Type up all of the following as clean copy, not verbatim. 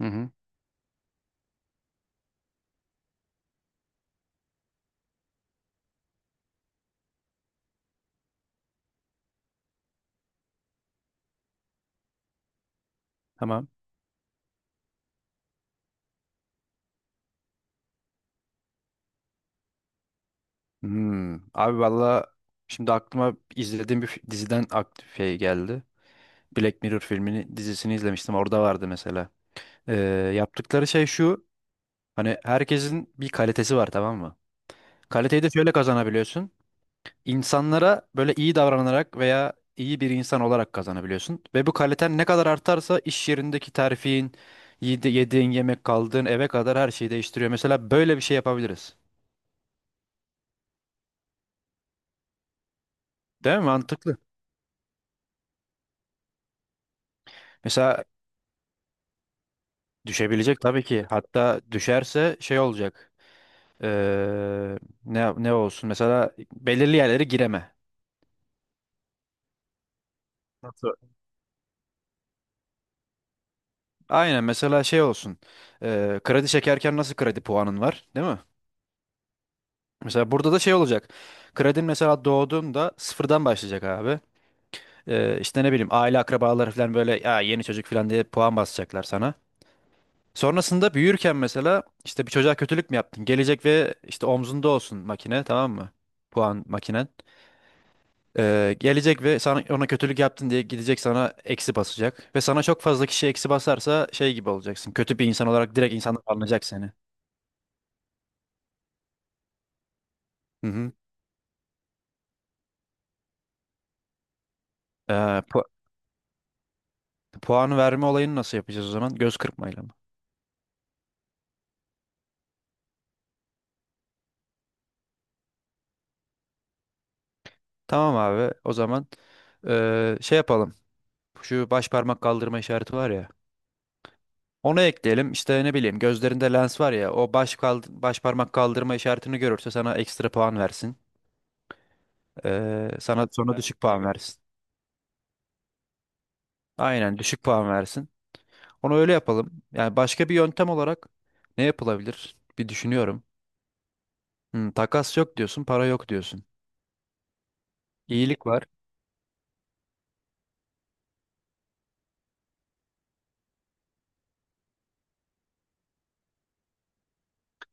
Hı hı. Tamam. Hmm. Abi valla şimdi aklıma izlediğim bir diziden aktif şey geldi. Black Mirror filmini dizisini izlemiştim. Orada vardı mesela. Ee, Yaptıkları şey şu. Hani herkesin bir kalitesi var, tamam mı? Kaliteyi de şöyle kazanabiliyorsun. İnsanlara böyle iyi davranarak veya iyi bir insan olarak kazanabiliyorsun. Ve bu kaliten ne kadar artarsa iş yerindeki terfin, yediğin yemek, kaldığın eve kadar her şeyi değiştiriyor. Mesela böyle bir şey yapabiliriz. Değil mi? Mantıklı. Mesela Düşebilecek tabii ki. Hatta düşerse şey olacak. Ee, ne olsun? Mesela belirli yerlere gireme. Nasıl? Aynen mesela şey olsun. Kredi çekerken nasıl kredi puanın var, değil mi? Mesela burada da şey olacak. Kredin mesela doğduğunda sıfırdan başlayacak abi. İşte ne bileyim, aile akrabaları falan böyle ya yeni çocuk falan diye puan basacaklar sana. Sonrasında büyürken mesela işte bir çocuğa kötülük mü yaptın? Gelecek ve işte omzunda olsun makine, tamam mı? Puan makinen. Gelecek ve sana ona kötülük yaptın diye gidecek, sana eksi basacak. Ve sana çok fazla kişi eksi basarsa şey gibi olacaksın. Kötü bir insan olarak direkt insanlar anlayacak seni. Hı hı. Ee, pu- Puan verme olayını nasıl yapacağız o zaman? Göz kırpmayla mı? Tamam abi, o zaman şey yapalım. Şu baş parmak kaldırma işareti var ya. Onu ekleyelim. İşte ne bileyim, gözlerinde lens var ya. O baş parmak kaldırma işaretini görürse sana ekstra puan versin. Sana sonra düşük puan versin. Aynen, düşük puan versin. Onu öyle yapalım. Yani başka bir yöntem olarak ne yapılabilir? Bir düşünüyorum. Hmm, takas yok diyorsun, para yok diyorsun. İyilik var.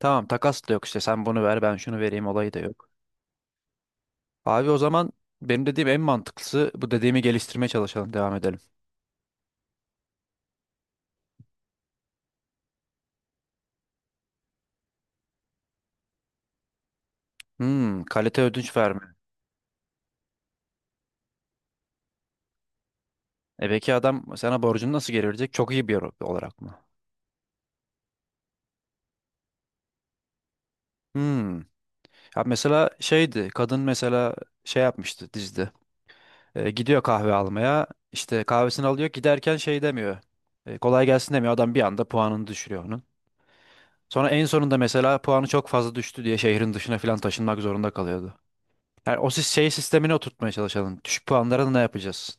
Tamam, takas da yok işte. Sen bunu ver, ben şunu vereyim olayı da yok. Abi o zaman benim dediğim en mantıklısı bu, dediğimi geliştirmeye çalışalım, devam edelim. Hmm, kalite ödünç verme. E peki adam sana borcunu nasıl geri verecek? Çok iyi bir yer olarak mı? Hmm. Ya mesela şeydi, kadın mesela şey yapmıştı dizide. Gidiyor kahve almaya. İşte kahvesini alıyor. Giderken şey demiyor. Kolay gelsin demiyor. Adam bir anda puanını düşürüyor onun. Sonra en sonunda mesela puanı çok fazla düştü diye şehrin dışına falan taşınmak zorunda kalıyordu. Yani o şey sistemini oturtmaya çalışalım. Düşük puanlara ne yapacağız?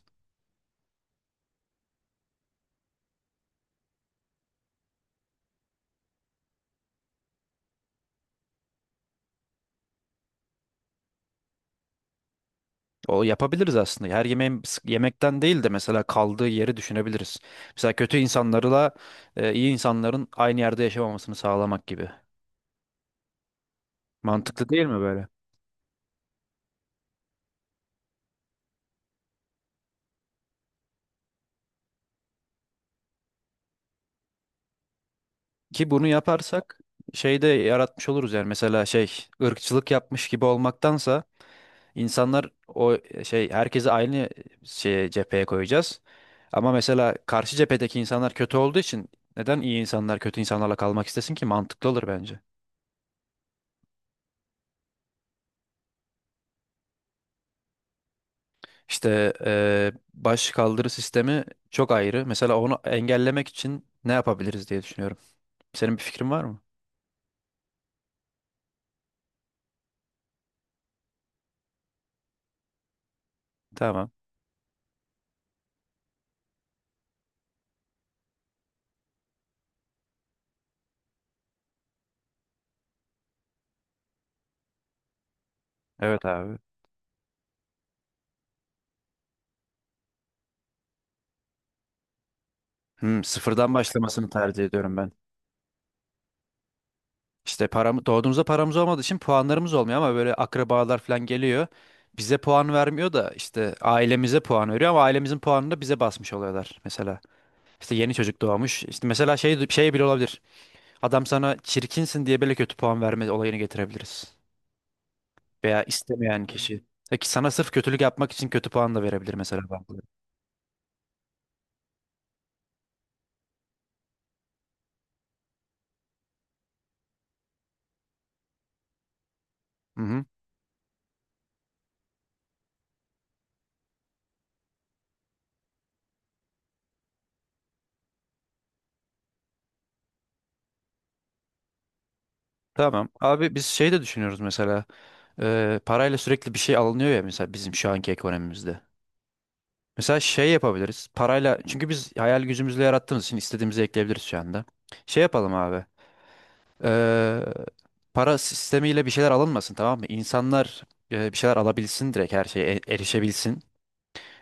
O yapabiliriz aslında. Yemekten değil de mesela kaldığı yeri düşünebiliriz. Mesela kötü insanlarla iyi insanların aynı yerde yaşamamasını sağlamak gibi. Mantıklı değil mi böyle? Ki bunu yaparsak şey de yaratmış oluruz, yani mesela şey, ırkçılık yapmış gibi olmaktansa insanlar o şey, herkesi aynı şeye, cepheye koyacağız. Ama mesela karşı cephedeki insanlar kötü olduğu için neden iyi insanlar kötü insanlarla kalmak istesin ki, mantıklı olur bence. İşte baş kaldırı sistemi çok ayrı. Mesela onu engellemek için ne yapabiliriz diye düşünüyorum. Senin bir fikrin var mı? Tamam. Evet abi. Hmm, sıfırdan başlamasını tercih ediyorum ben. İşte param, doğduğumuzda paramız olmadığı için puanlarımız olmuyor, ama böyle akrabalar falan geliyor. Bize puan vermiyor da işte ailemize puan veriyor, ama ailemizin puanını da bize basmış oluyorlar mesela. İşte yeni çocuk doğmuş. İşte mesela şey, şey bile olabilir. Adam sana çirkinsin diye böyle kötü puan verme olayını getirebiliriz. Veya istemeyen kişi. Peki sana sırf kötülük yapmak için kötü puan da verebilir mesela bazıları. Hı hı. Tamam. Abi biz şey de düşünüyoruz mesela. Parayla sürekli bir şey alınıyor ya, mesela bizim şu anki ekonomimizde. Mesela şey yapabiliriz. Parayla, çünkü biz hayal gücümüzle yarattığımız için istediğimizi ekleyebiliriz şu anda. Şey yapalım abi. Ee, Para sistemiyle bir şeyler alınmasın, tamam mı? İnsanlar bir şeyler alabilsin, direkt her şeye erişebilsin.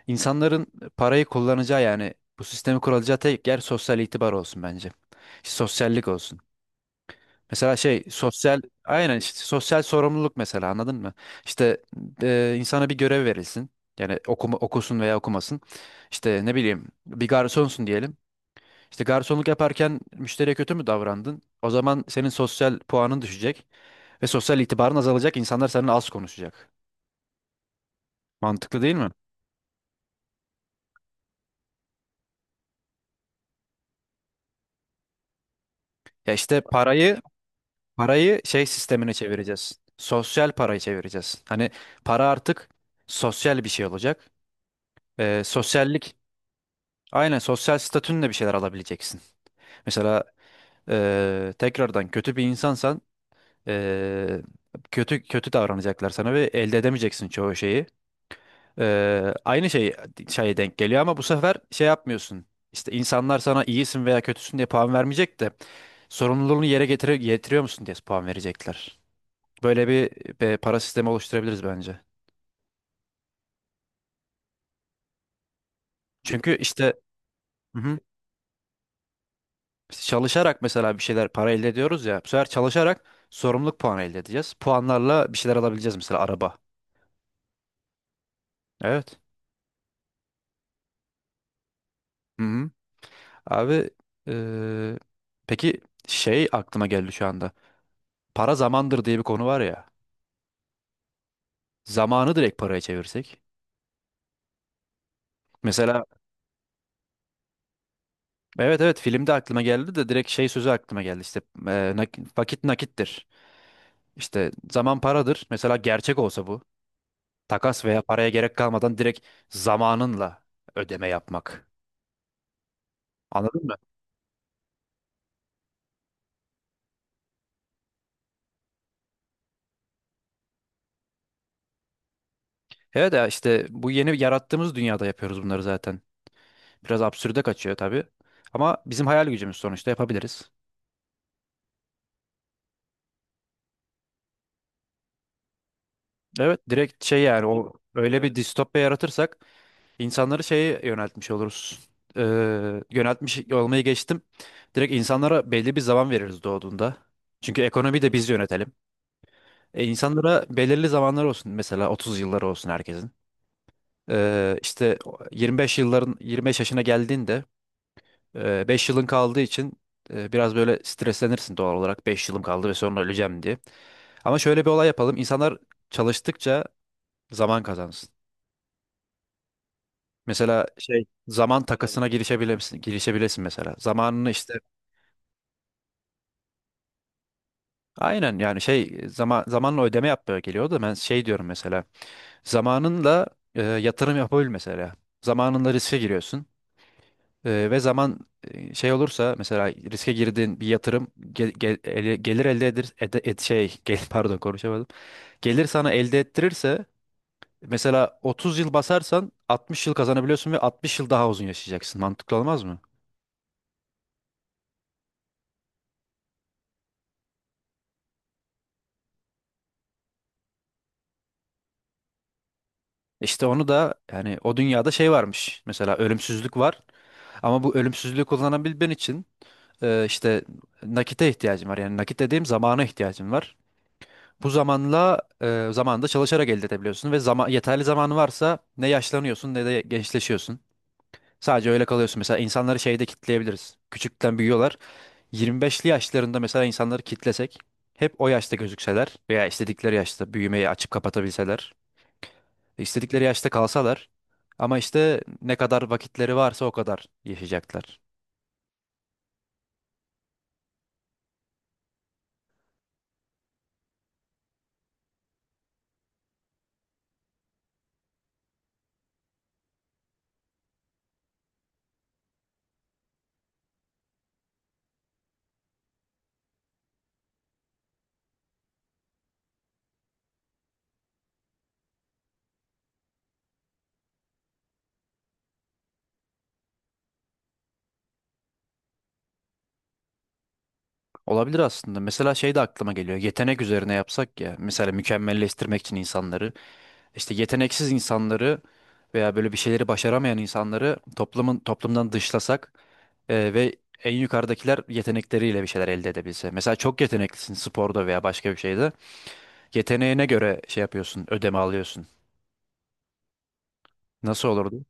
İnsanların parayı kullanacağı, yani bu sistemi kurulacağı tek yer sosyal itibar olsun bence. Sosyallik olsun. Mesela şey, sosyal, aynen, işte sosyal sorumluluk mesela, anladın mı? İşte insana bir görev verilsin. Yani okuma, okusun veya okumasın. İşte ne bileyim, bir garsonsun diyelim. İşte garsonluk yaparken müşteriye kötü mü davrandın? O zaman senin sosyal puanın düşecek ve sosyal itibarın azalacak. İnsanlar seninle az konuşacak. Mantıklı değil mi? Ya işte parayı şey sistemine çevireceğiz. Sosyal parayı çevireceğiz. Hani para artık sosyal bir şey olacak. Sosyallik, aynen, sosyal statünle bir şeyler alabileceksin. Mesela tekrardan kötü bir insansan, eee, kötü kötü davranacaklar sana ve elde edemeyeceksin çoğu şeyi. Aynı şey şeye denk geliyor, ama bu sefer şey yapmıyorsun. İşte insanlar sana iyisin veya kötüsün diye puan vermeyecek de getiriyor musun diye puan verecekler. Böyle bir, para sistemi oluşturabiliriz bence. Çünkü işte Mhm. Biz çalışarak mesela bir şeyler, para elde ediyoruz ya. Bu sefer çalışarak sorumluluk puanı elde edeceğiz. Puanlarla bir şeyler alabileceğiz, mesela araba. Evet. Hı hı. Abi eee, peki şey aklıma geldi şu anda. Para zamandır diye bir konu var ya. Zamanı direkt paraya çevirsek. Mesela evet evet, filmde aklıma geldi de direkt şey sözü aklıma geldi işte vakit nakittir. İşte zaman paradır. Mesela gerçek olsa bu, takas veya paraya gerek kalmadan direkt zamanınla ödeme yapmak. Anladın mı? Evet ya, işte bu yeni yarattığımız dünyada yapıyoruz bunları zaten. Biraz absürde kaçıyor tabii. Ama bizim hayal gücümüz, sonuçta yapabiliriz. Evet, direkt şey, yani o öyle bir distopya yaratırsak insanları şeye yöneltmiş oluruz. Ee, Yöneltmiş olmayı geçtim. Direkt insanlara belli bir zaman veririz doğduğunda. Çünkü ekonomiyi de biz yönetelim. E, insanlara belirli zamanlar olsun, mesela 30 yılları olsun herkesin. İşte 25 yılların, 25 yaşına geldiğinde, beş yılın kaldığı için biraz böyle streslenirsin doğal olarak, 5 yılım kaldı ve sonra öleceğim diye. Ama şöyle bir olay yapalım. İnsanlar çalıştıkça zaman kazansın. Mesela şey, zaman takasına girişebilirsin mesela. Zamanını işte, aynen, yani şey, zaman, zamanla ödeme yapmaya geliyor da ben şey diyorum mesela. Zamanınla yatırım yapabil mesela. Zamanınla riske giriyorsun. Ve zaman şey olursa, mesela riske girdiğin bir yatırım gelir elde edir ede- et, şey gel, pardon konuşamadım. Gelir sana elde ettirirse mesela 30 yıl basarsan 60 yıl kazanabiliyorsun ve 60 yıl daha uzun yaşayacaksın. Mantıklı olmaz mı? İşte onu da, yani o dünyada şey varmış. Mesela ölümsüzlük var, ama bu ölümsüzlüğü kullanabilmen için işte nakite ihtiyacın var. Yani nakit dediğim zamana ihtiyacın var. Bu zamanla zamanda çalışarak elde edebiliyorsun ve zaman, yeterli zamanı varsa ne yaşlanıyorsun ne de gençleşiyorsun. Sadece öyle kalıyorsun. Mesela insanları şeyde kitleyebiliriz. Küçükten büyüyorlar. 25'li yaşlarında mesela insanları kitlesek, hep o yaşta gözükseler veya istedikleri yaşta büyümeyi açıp kapatabilseler, istedikleri yaşta kalsalar, ama işte ne kadar vakitleri varsa o kadar yaşayacaklar. Olabilir aslında. Mesela şey de aklıma geliyor. Yetenek üzerine yapsak ya. Mesela mükemmelleştirmek için insanları. İşte yeteneksiz insanları veya böyle bir şeyleri başaramayan insanları toplumdan dışlasak ve en yukarıdakiler yetenekleriyle bir şeyler elde edebilse. Mesela çok yeteneklisin sporda veya başka bir şeyde. Yeteneğine göre şey yapıyorsun, ödeme alıyorsun. Nasıl olurdu?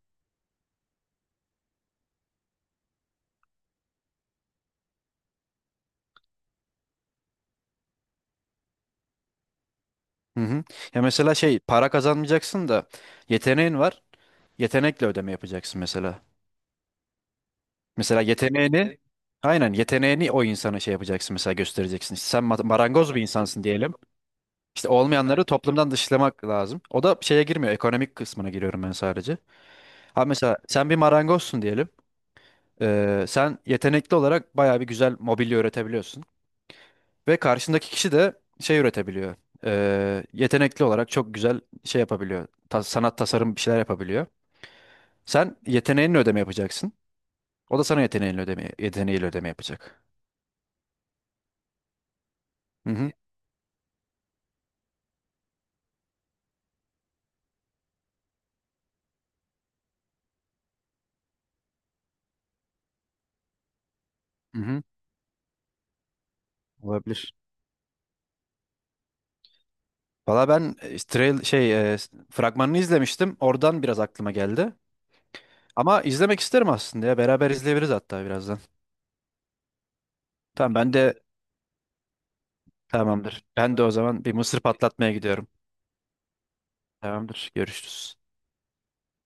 Hı hı. Ya mesela şey, para kazanmayacaksın da yeteneğin var. Yetenekle ödeme yapacaksın mesela. Mesela yeteneğini, aynen, yeteneğini o insana şey yapacaksın, mesela göstereceksin. İşte sen marangoz bir insansın diyelim. İşte olmayanları toplumdan dışlamak lazım. O da şeye girmiyor. Ekonomik kısmına giriyorum ben sadece. Ha, mesela sen bir marangozsun diyelim. Sen yetenekli olarak bayağı bir güzel mobilya üretebiliyorsun. Ve karşındaki kişi de şey üretebiliyor. Yetenekli olarak çok güzel şey yapabiliyor. Sanat, tasarım bir şeyler yapabiliyor. Sen yeteneğinle ödeme yapacaksın. O da sana yeteneğinle ödeme, yeteneğiyle ödeme yapacak. Hı hı. Hı hı. Olabilir. Valla ben fragmanını izlemiştim. Oradan biraz aklıma geldi. Ama izlemek isterim aslında ya. Beraber izleyebiliriz hatta birazdan. Tamam, ben de tamamdır. Ben de o zaman bir mısır patlatmaya gidiyorum. Tamamdır. Görüşürüz.